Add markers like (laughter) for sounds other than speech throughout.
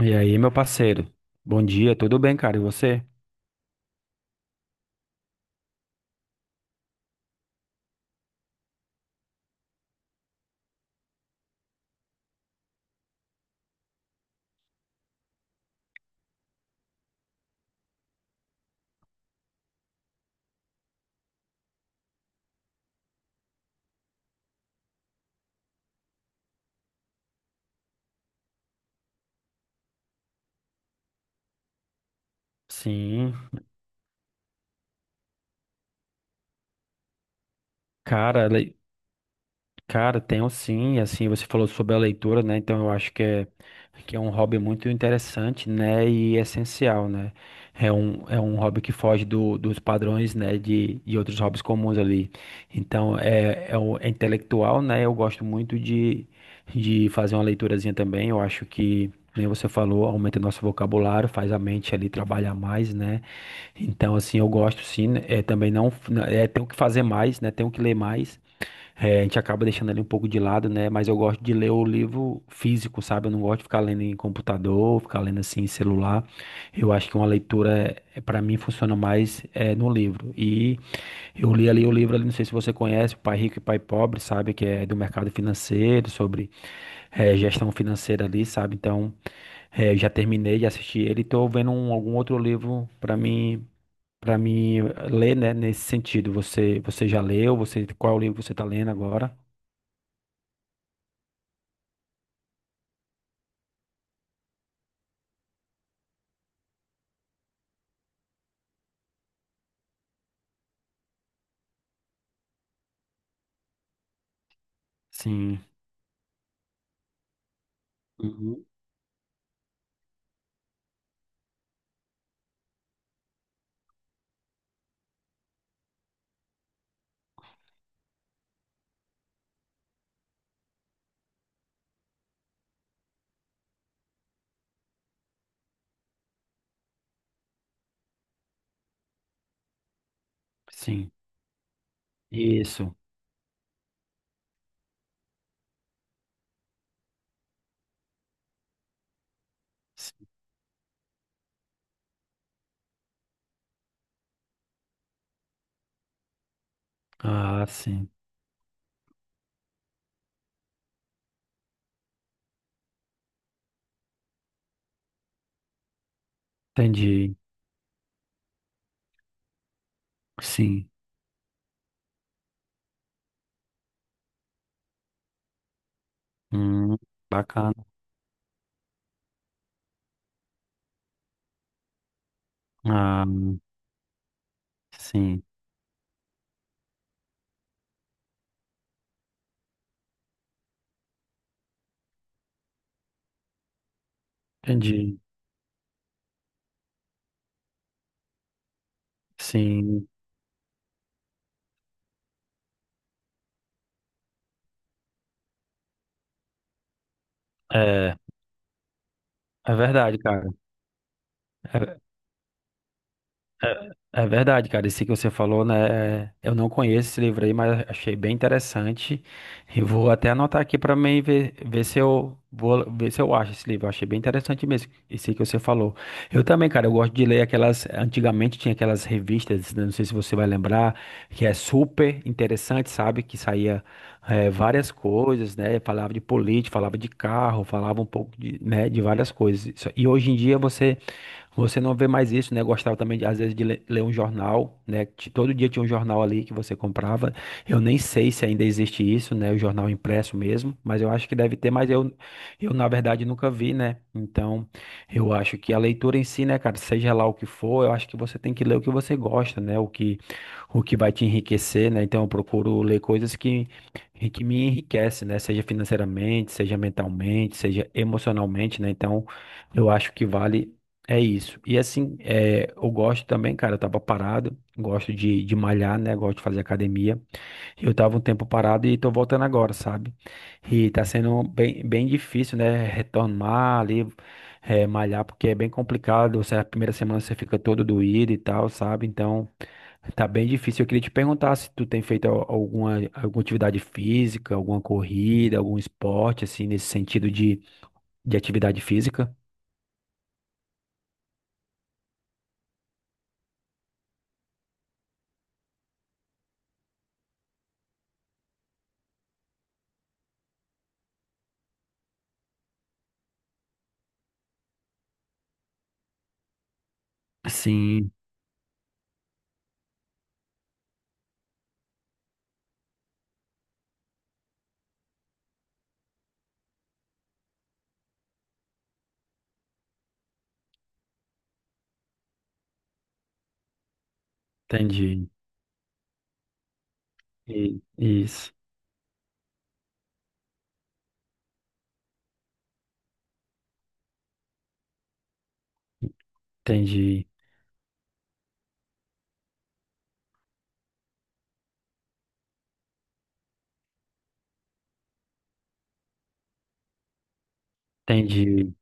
E aí, meu parceiro? Bom dia, tudo bem, cara? E você? Sim, cara, cara, tenho sim, e assim, você falou sobre a leitura, né? Então eu acho que que é um hobby muito interessante, né? E essencial, né? É um hobby que foge dos padrões, né? De outros hobbies comuns ali. Então é intelectual, né? Eu gosto muito de fazer uma leiturazinha também. Eu acho que, nem você falou, aumenta nosso vocabulário, faz a mente ali trabalhar mais, né? Então, assim, eu gosto sim, né, também tenho que fazer mais, né? Tenho que ler mais. É, a gente acaba deixando ele um pouco de lado, né? Mas eu gosto de ler o livro físico, sabe? Eu não gosto de ficar lendo em computador, ficar lendo assim em celular. Eu acho que uma leitura, para mim, funciona mais no livro. E eu li ali o livro, ali, não sei se você conhece, o Pai Rico e Pai Pobre, sabe? Que é do mercado financeiro, sobre gestão financeira ali, sabe? Então, é, eu já terminei de assistir ele. Estou vendo algum outro livro para mim. Para mim ler, né, nesse sentido. Você já leu? Você, qual livro você está lendo agora? Sim. Uhum. Sim. Isso. Sim. Ah, sim. Entendi. Sim. Hum, bacana. Ah, sim. Entendi. Sim. É, é verdade, cara. É, é verdade, cara. Esse que você falou, né? Eu não conheço esse livro aí, mas achei bem interessante. E vou até anotar aqui para mim ver, ver se eu vou ver se eu acho esse livro. Eu achei bem interessante mesmo. Esse que você falou. Eu também, cara, eu gosto de ler aquelas. Antigamente tinha aquelas revistas, né, não sei se você vai lembrar, que é super interessante, sabe? Que saía várias coisas, né? Falava de política, falava de carro, falava um pouco de, né, de várias coisas. E hoje em dia você não vê mais isso, né? Eu gostava também, de, às vezes, de ler um jornal, né? Todo dia tinha um jornal ali que você comprava. Eu nem sei se ainda existe isso, né? O jornal impresso mesmo, mas eu acho que deve ter, eu na verdade, nunca vi, né? Então, eu acho que a leitura em si, né, cara, seja lá o que for, eu acho que você tem que ler o que você gosta, né? O que vai te enriquecer, né? Então eu procuro ler coisas que me enriquecem, né? Seja financeiramente, seja mentalmente, seja emocionalmente, né? Então eu acho que vale é isso. E assim, é, eu gosto também, cara, eu tava parado, gosto de malhar, né? Gosto de fazer academia. Eu tava um tempo parado e tô voltando agora, sabe? E tá sendo bem, bem difícil, né? Retornar ali. É, malhar porque é bem complicado, você, a primeira semana você fica todo doído e tal, sabe? Então, tá bem difícil. Eu queria te perguntar se tu tem feito alguma atividade física, alguma corrida, algum esporte, assim, nesse sentido de atividade física. Sim, entendi. Isso, entendi, entendi.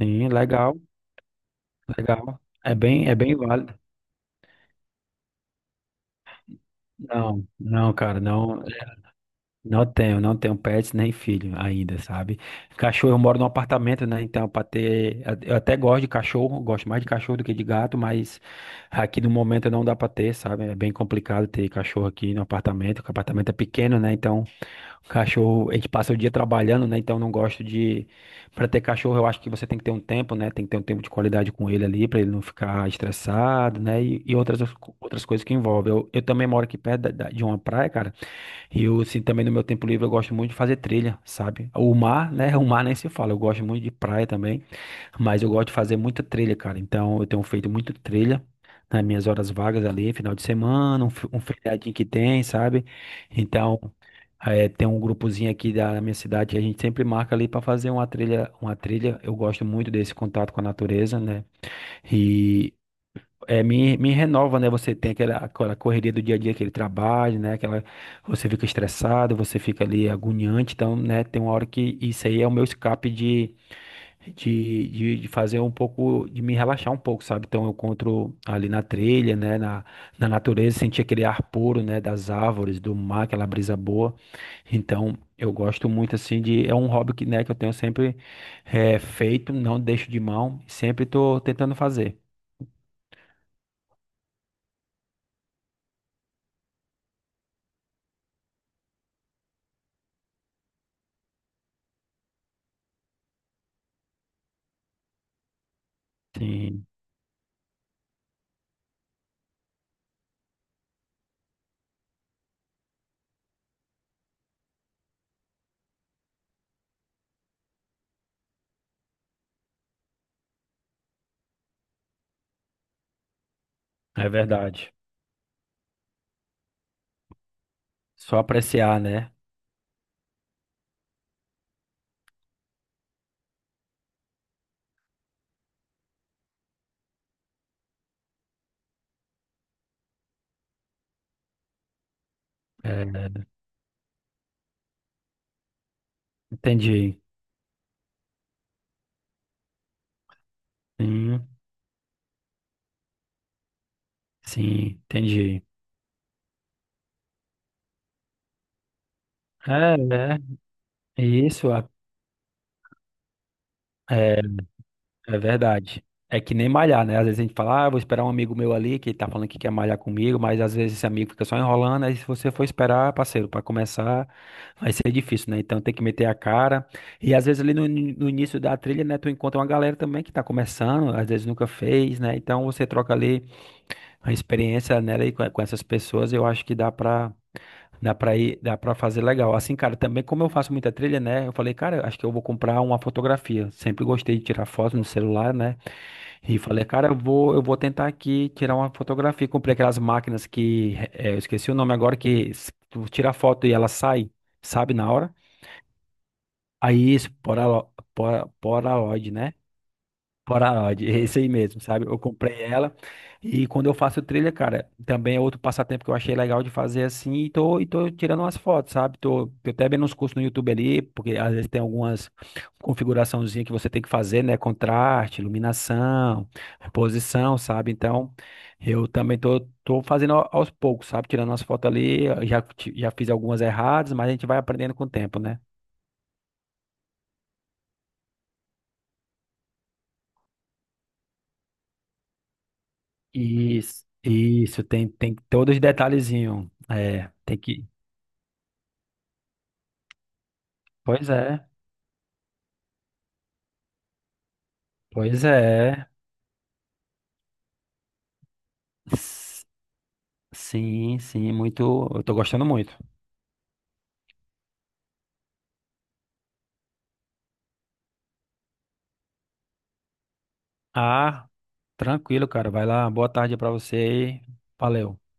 Sim, legal, legal. É bem válido. Não, não, cara, não. Não tenho, não tenho pets nem filho ainda, sabe? Cachorro, eu moro num apartamento, né? Então, para ter. Eu até gosto de cachorro, gosto mais de cachorro do que de gato, mas aqui no momento não dá para ter, sabe? É bem complicado ter cachorro aqui no apartamento, porque o apartamento é pequeno, né? Então, o cachorro, a gente passa o dia trabalhando, né? Então, não gosto de. Para ter cachorro, eu acho que você tem que ter um tempo, né? Tem que ter um tempo de qualidade com ele ali, para ele não ficar estressado, né? E outras, outras coisas que envolvem. Eu também moro aqui perto de uma praia, cara. E eu, assim, também no meu tempo livre eu gosto muito de fazer trilha, sabe? O mar, né? O mar nem se fala. Eu gosto muito de praia também, mas eu gosto de fazer muita trilha, cara. Então eu tenho feito muito trilha nas minhas horas vagas ali, final de semana, um feriadinho que tem, sabe? Então é, tem um grupozinho aqui da minha cidade que a gente sempre marca ali para fazer uma trilha, uma trilha. Eu gosto muito desse contato com a natureza, né? É, me renova, né? Você tem aquela correria do dia a dia, aquele trabalho, né? Aquela, você fica estressado, você fica ali agoniante. Então, né? Tem uma hora que isso aí é o meu escape de fazer um pouco, de me relaxar um pouco, sabe? Então, eu encontro ali na trilha, né? Na natureza, sentir aquele ar puro, né? Das árvores, do mar, aquela brisa boa. Então, eu gosto muito, assim, de... É um hobby que, né? Que eu tenho sempre feito, não deixo de mão. Sempre tô tentando fazer. Sim. É verdade. Só apreciar, né? É, entendi. Sim, sim, entendi. É, né? Isso é, é verdade. É que nem malhar, né? Às vezes a gente fala, ah, vou esperar um amigo meu ali que tá falando que quer malhar comigo, mas às vezes esse amigo fica só enrolando. Aí se você for esperar, parceiro, para começar, vai ser difícil, né? Então tem que meter a cara. E às vezes ali no início da trilha, né, tu encontra uma galera também que tá começando, às vezes nunca fez, né? Então você troca ali. A experiência nela e com essas pessoas, eu acho dá pra ir, dá pra fazer legal. Assim, cara, também como eu faço muita trilha, né? Eu falei, cara, acho que eu vou comprar uma fotografia. Sempre gostei de tirar foto no celular, né? E falei, cara, eu vou tentar aqui tirar uma fotografia. Comprei aquelas máquinas que, eu esqueci o nome agora, que tu tira a foto e ela sai, sabe, na hora. Aí, isso, Polaroid, né? Polaroid, (laughs) esse aí mesmo, sabe? Eu comprei ela e quando eu faço trilha, cara, também é outro passatempo que eu achei legal de fazer assim e e tô tirando umas fotos, sabe? Tô até vendo uns cursos no YouTube ali, porque às vezes tem algumas configuraçãozinha que você tem que fazer, né? Contraste, iluminação, posição, sabe? Então, eu também tô fazendo aos poucos, sabe? Tirando umas fotos ali, já, já fiz algumas erradas, mas a gente vai aprendendo com o tempo, né? Isso, tem, tem todos os detalhezinhos. É, tem que. Pois é, pois é. S- Sim, sim, muito. Eu tô gostando muito. Ah, tranquilo, cara. Vai lá, boa tarde pra você. Valeu.